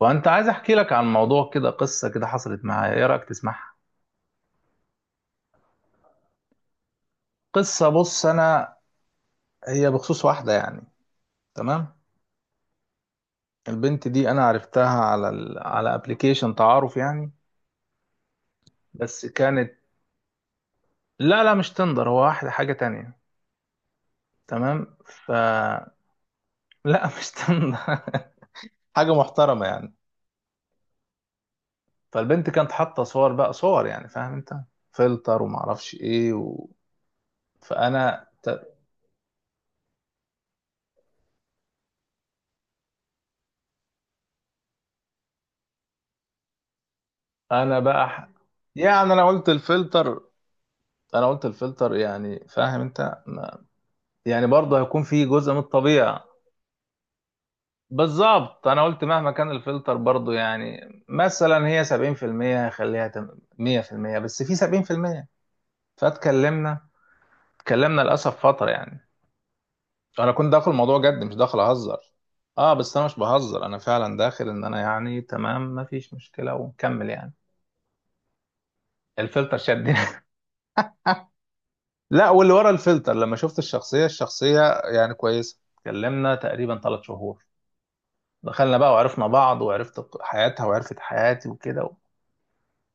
وانت عايز احكي لك عن موضوع كده، قصه كده حصلت معايا. ايه رايك تسمعها؟ قصه. بص، انا هي بخصوص واحده يعني. تمام. البنت دي انا عرفتها على ابلكيشن تعارف يعني. بس كانت. لا لا، مش تندر، هو واحده حاجه تانية. تمام. لا مش تندر. حاجه محترمه يعني. فالبنت كانت حاطه صور بقى، صور يعني، فاهم انت؟ فلتر وما اعرفش ايه فانا ت- انا بقى ح- يعني انا قلت الفلتر. انا قلت الفلتر، يعني فاهم انت يعني برضه هيكون في جزء من الطبيعة. بالظبط، انا قلت مهما كان الفلتر برضه يعني، مثلا هي 70% 100%، بس في 70%. فاتكلمنا، اتكلمنا للاسف فترة يعني. انا كنت داخل الموضوع جد، مش داخل اهزر. اه بس انا مش بهزر، انا فعلا داخل ان انا يعني تمام، مفيش مشكلة ونكمل يعني. الفلتر شدني لا، واللي ورا الفلتر لما شفت الشخصية، الشخصية يعني كويسة. اتكلمنا تقريبا ثلاث شهور. دخلنا بقى وعرفنا بعض، وعرفت حياتها وعرفت حياتي وكده.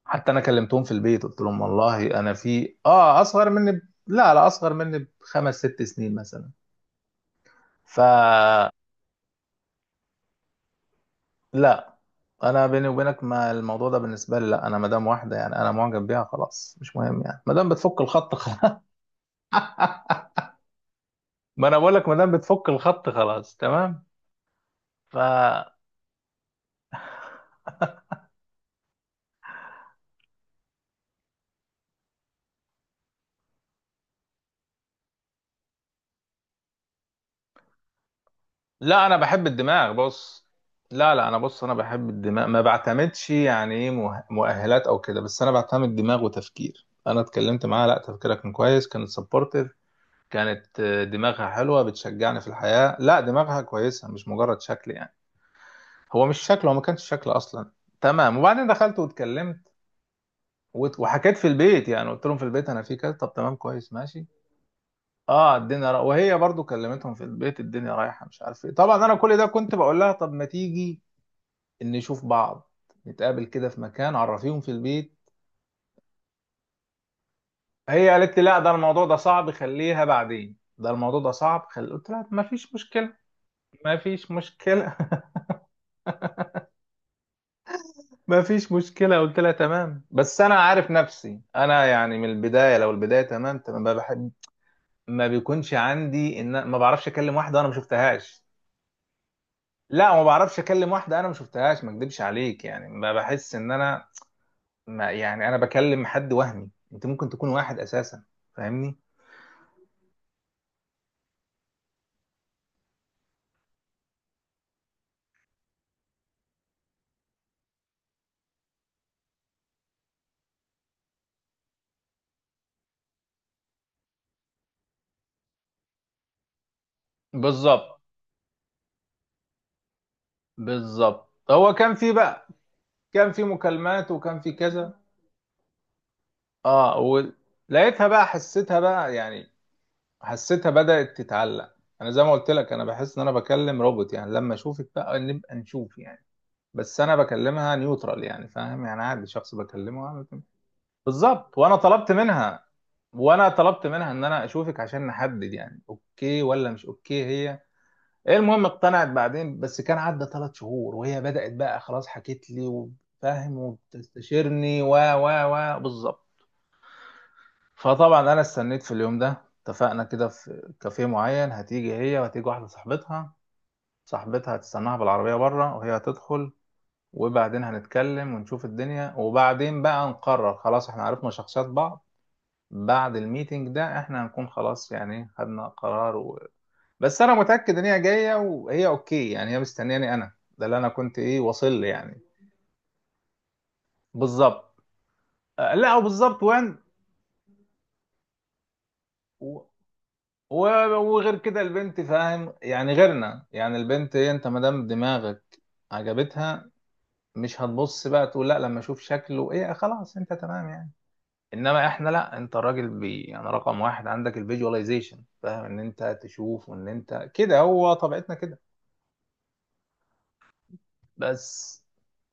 حتى انا كلمتهم في البيت، قلت لهم والله انا في اه اصغر مني لا لا، اصغر مني بخمس ست سنين مثلا. ف لا، انا بيني وبينك، ما الموضوع ده بالنسبه لي، لا انا مدام واحده يعني انا معجب بيها خلاص، مش مهم يعني، مادام بتفك الخط خلاص. ما انا بقول لك مادام بتفك الخط خلاص، تمام. ف لا، انا بحب الدماغ. بص، لا لا، انا بص، انا بحب الدماغ، ما بعتمدش يعني ايه مؤهلات او كده، بس انا بعتمد دماغ وتفكير. انا اتكلمت معاها، لا تفكيرها كان كويس، كانت سبورتيف. كانت آه، دماغها حلوة، بتشجعني في الحياة، لا دماغها كويسة، مش مجرد شكل يعني. هو مش شكل، هو ما كانش شكل اصلا. تمام، وبعدين دخلت واتكلمت وحكيت في البيت، يعني قلت لهم في البيت انا في كذا. طب تمام كويس ماشي. اه الدنيا وهي برضو كلمتهم في البيت، الدنيا رايحه مش عارف ايه. طبعا انا كل ده كنت بقول لها طب ما تيجي نشوف بعض، نتقابل كده في مكان، عرفيهم في البيت. هي قالت لي لا، ده الموضوع ده صعب، خليها بعدين، ده الموضوع ده صعب قلت لها ما فيش مشكلة. ما فيش مشكلة ما فيش مشكلة. قلت لها تمام، بس أنا عارف نفسي أنا يعني من البداية، لو البداية تمام تمام، ما بحب، ما بيكونش عندي إن ما بعرفش أكلم واحدة أنا ما شفتهاش. لا ما بعرفش أكلم واحدة أنا ما شفتهاش، ما أكدبش عليك يعني، ما بحس إن أنا، ما يعني أنا بكلم حد وهمي، أنت ممكن تكون واحد أساسا، فاهمني؟ بالظبط، بالظبط. هو كان في بقى، كان في مكالمات وكان في كذا. اه ولقيتها بقى، حسيتها بقى يعني، حسيتها بدأت تتعلق. انا زي ما قلت لك انا بحس ان انا بكلم روبوت، يعني لما اشوفك بقى نبقى نشوف يعني. بس انا بكلمها نيوترال يعني، فاهم؟ يعني عادي شخص بكلمه وأعمل كده. بالظبط، وانا طلبت منها، وانا طلبت منها ان انا اشوفك عشان نحدد يعني اوكي ولا مش اوكي. هي إيه، المهم اقتنعت بعدين، بس كان عدى ثلاث شهور وهي بدأت بقى خلاص حكيت لي وفاهم وبتستشيرني و بالظبط. فطبعا انا استنيت في اليوم ده، اتفقنا كده في كافيه معين، هتيجي هي وهتيجي واحدة صاحبتها. صاحبتها هتستناها بالعربية بره، وهي هتدخل، وبعدين هنتكلم ونشوف الدنيا، وبعدين بقى نقرر خلاص احنا عرفنا شخصيات بعض. بعد الميتنج ده احنا هنكون خلاص يعني خدنا قرار. بس انا متاكد ان هي جايه وهي اوكي يعني، هي مستنياني انا، ده اللي انا كنت ايه واصل لي يعني. بالظبط، آه، لا وبالظبط وين. و- و- وغير كده البنت فاهم يعني، غيرنا يعني، البنت ايه، انت ما دام دماغك عجبتها، مش هتبص بقى تقول لا لما اشوف شكله ايه، خلاص انت تمام يعني. انما احنا لا، انت الراجل بي يعني رقم واحد عندك الفيجواليزيشن، فاهم، ان انت تشوف وان انت كده، هو طبيعتنا كده. بس،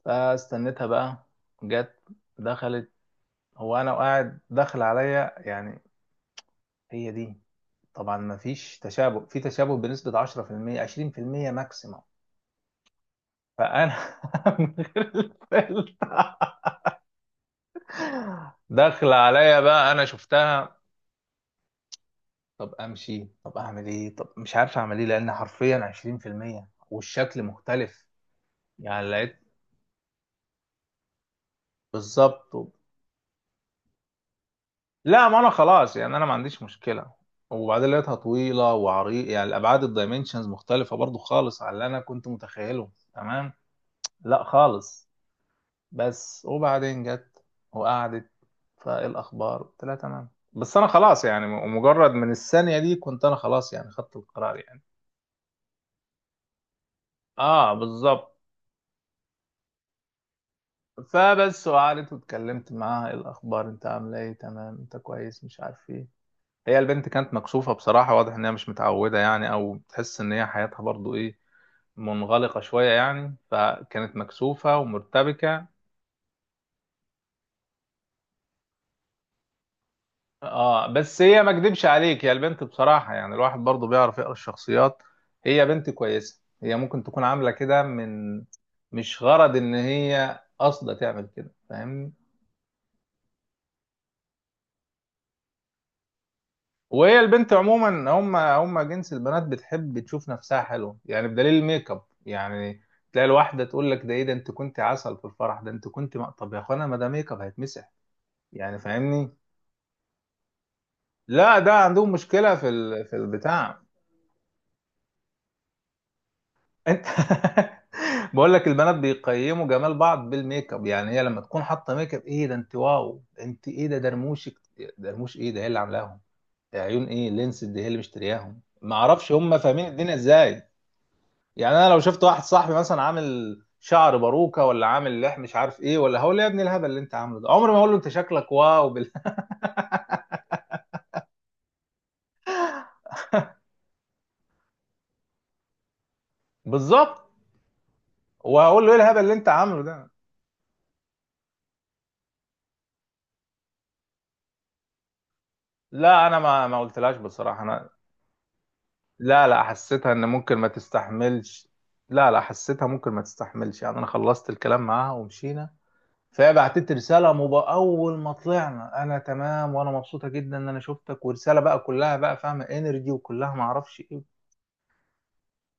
فاستنيتها بقى، جت، دخلت، هو انا وقاعد داخل عليا يعني، هي دي؟ طبعا ما فيش تشابه، في تشابه بنسبة 10%، 20% ماكسيموم. فانا من غير الفيلم. داخل عليا بقى انا شفتها، طب امشي، طب اعمل ايه، طب مش عارف اعمل ايه، لان حرفيا 20% والشكل مختلف. يعني لقيت بالظبط لا ما انا خلاص يعني انا ما عنديش مشكلة. وبعدين لقيتها طويلة وعريض يعني، الابعاد الدايمنشنز مختلفة برضو خالص على اللي انا كنت متخيله تمام. لا خالص. بس وبعدين جت، وقعدت، فايه الاخبار، قلت لها تمام، بس انا خلاص يعني مجرد من الثانيه دي كنت انا خلاص يعني خدت القرار يعني. اه بالظبط. فبس، وقعدت واتكلمت معاها، ايه الاخبار، انت عامله ايه، تمام انت كويس، مش عارف ايه. هي البنت كانت مكسوفه بصراحه، واضح ان هي مش متعوده يعني، او بتحس ان هي حياتها برضو ايه، منغلقه شويه يعني، فكانت مكسوفه ومرتبكه. اه بس هي ما اكدبش عليك، هي البنت بصراحة يعني، الواحد برضو بيعرف يقرا الشخصيات. هي بنت كويسة، هي ممكن تكون عاملة كده من، مش غرض ان هي قاصدة تعمل كده، فاهمني؟ وهي البنت عموما، هم جنس البنات بتحب تشوف نفسها حلوة يعني، بدليل الميك اب يعني. تلاقي الواحدة تقول لك ده ايه ده، انت كنت عسل في الفرح ده، انت كنت طب يا اخوانا ما ده ميك اب هيتمسح، يعني فاهمني؟ لا ده عندهم مشكلة في في البتاع. انت بقول لك البنات بيقيموا جمال بعض بالميك اب يعني، هي لما تكون حاطه ميك اب، ايه ده انت واو، انت ايه ده درموشك، درموش ايه ده، هي اللي عاملاهم، يا عيون ايه لينس دي، هي اللي مشترياهم، ما اعرفش هم فاهمين الدنيا ازاي. يعني انا لو شفت واحد صاحبي مثلا عامل شعر باروكه، ولا عامل لح مش عارف ايه، ولا هقول له يا ابني الهبل اللي انت عامله ده، عمري ما هقول له انت شكلك واو بالظبط، وهقول له ايه الهبل اللي انت عامله ده. لا انا ما قلتلهاش بصراحه انا. لا لا، حسيتها ان ممكن ما تستحملش. لا لا، حسيتها ممكن ما تستحملش يعني. انا خلصت الكلام معاها ومشينا. فهي بعتت لي رساله اول ما طلعنا، انا تمام وانا مبسوطه جدا ان انا شفتك، ورساله بقى كلها بقى فاهمه انرجي وكلها ما اعرفش ايه.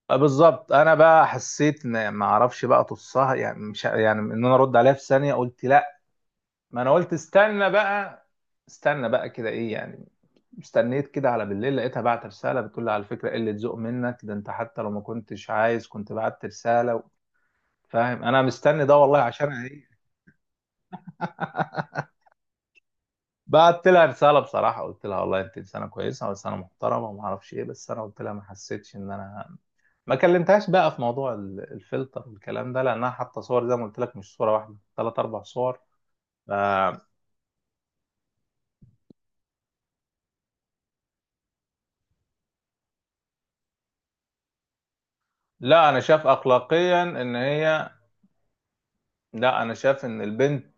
آه، بالظبط. انا بقى حسيت ان ما اعرفش بقى تصها يعني، مش يعني ان انا ارد عليها في ثانيه، قلت لا، ما انا قلت استنى بقى، استنى بقى كده ايه يعني. استنيت كده على بالليل، لقيتها بعت رسالة بتقول لي على فكرة قلة ذوق منك، ده انت حتى لو ما كنتش عايز كنت بعت رسالة. فاهم انا مستني ده والله عشان هي. بعت لها رسالة بصراحة، قلت لها والله انت انسانة كويسة وانسانة محترمة وما اعرفش ايه، بس انا قلت لها ما حسيتش ان انا. ما كلمتهاش بقى في موضوع الفلتر والكلام ده، لانها حاطة صور زي ما قلت لك، مش صورة واحدة، ثلاث اربع صور. ف- لا انا شايف اخلاقيا ان هي. لا انا شايف ان البنت،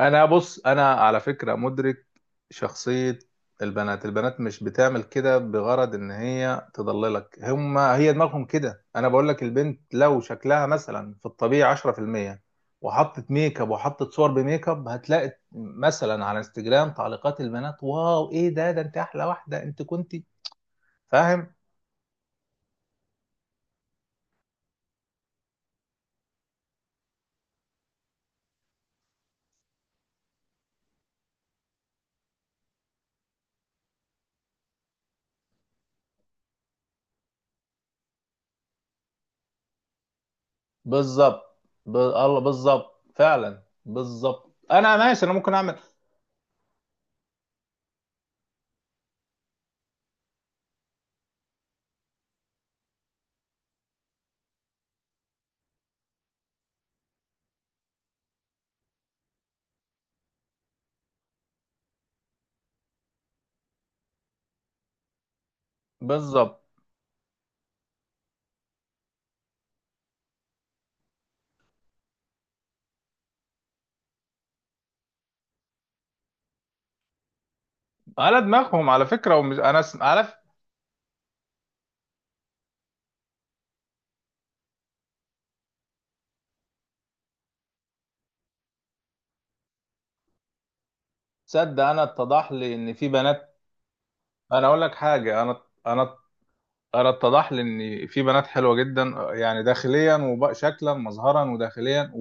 انا بص انا على فكرة مدرك شخصية البنات. البنات مش بتعمل كده بغرض ان هي تضللك، هم هي دماغهم كده. انا بقول لك البنت لو شكلها مثلا في الطبيعي 10%، وحطت ميك اب، وحطت صور بميك اب، هتلاقي مثلا على انستجرام تعليقات البنات، واو ايه ده، ده انت احلى واحدة، انت كنتي فاهم. بالظبط الله، بالظبط فعلا بالظبط، انا ماشي، انا ممكن اعمل بالظبط على دماغهم. على فكرة ومش انا على. تصدق انا اتضح لي ان في بنات، انا اقول لك حاجه انا، انا انا اتضح لي ان في بنات حلوه جدا، يعني داخليا وشكلا مظهرا وداخليا.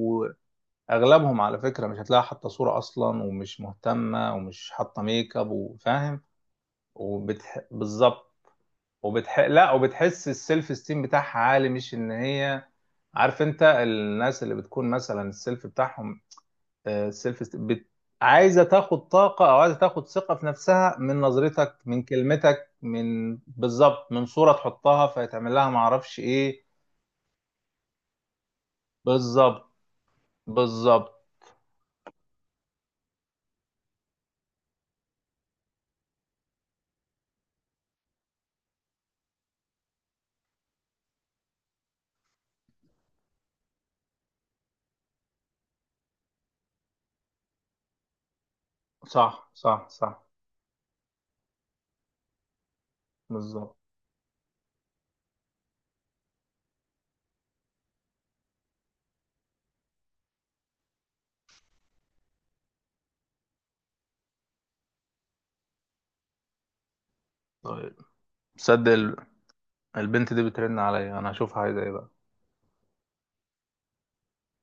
واغلبهم على فكره مش هتلاقي حاطه صوره اصلا، ومش مهتمه، ومش حاطه ميك اب، وفاهم. بالظبط. لا، وبتحس السيلف استيم بتاعها عالي، مش ان هي. عارف انت الناس اللي بتكون مثلا السيلف بتاعهم، سيلف بت... عايزه تاخد طاقه، او عايزه تاخد ثقه في نفسها، من نظرتك، من كلمتك، من بالظبط، من صوره تحطها فيتعمل لها ما اعرفش ايه. بالظبط، بالظبط. صح صح صح. بالظبط. طيب. صدق ال- البنت دي بترن عليا، انا هشوفها عايزه ايه بقى.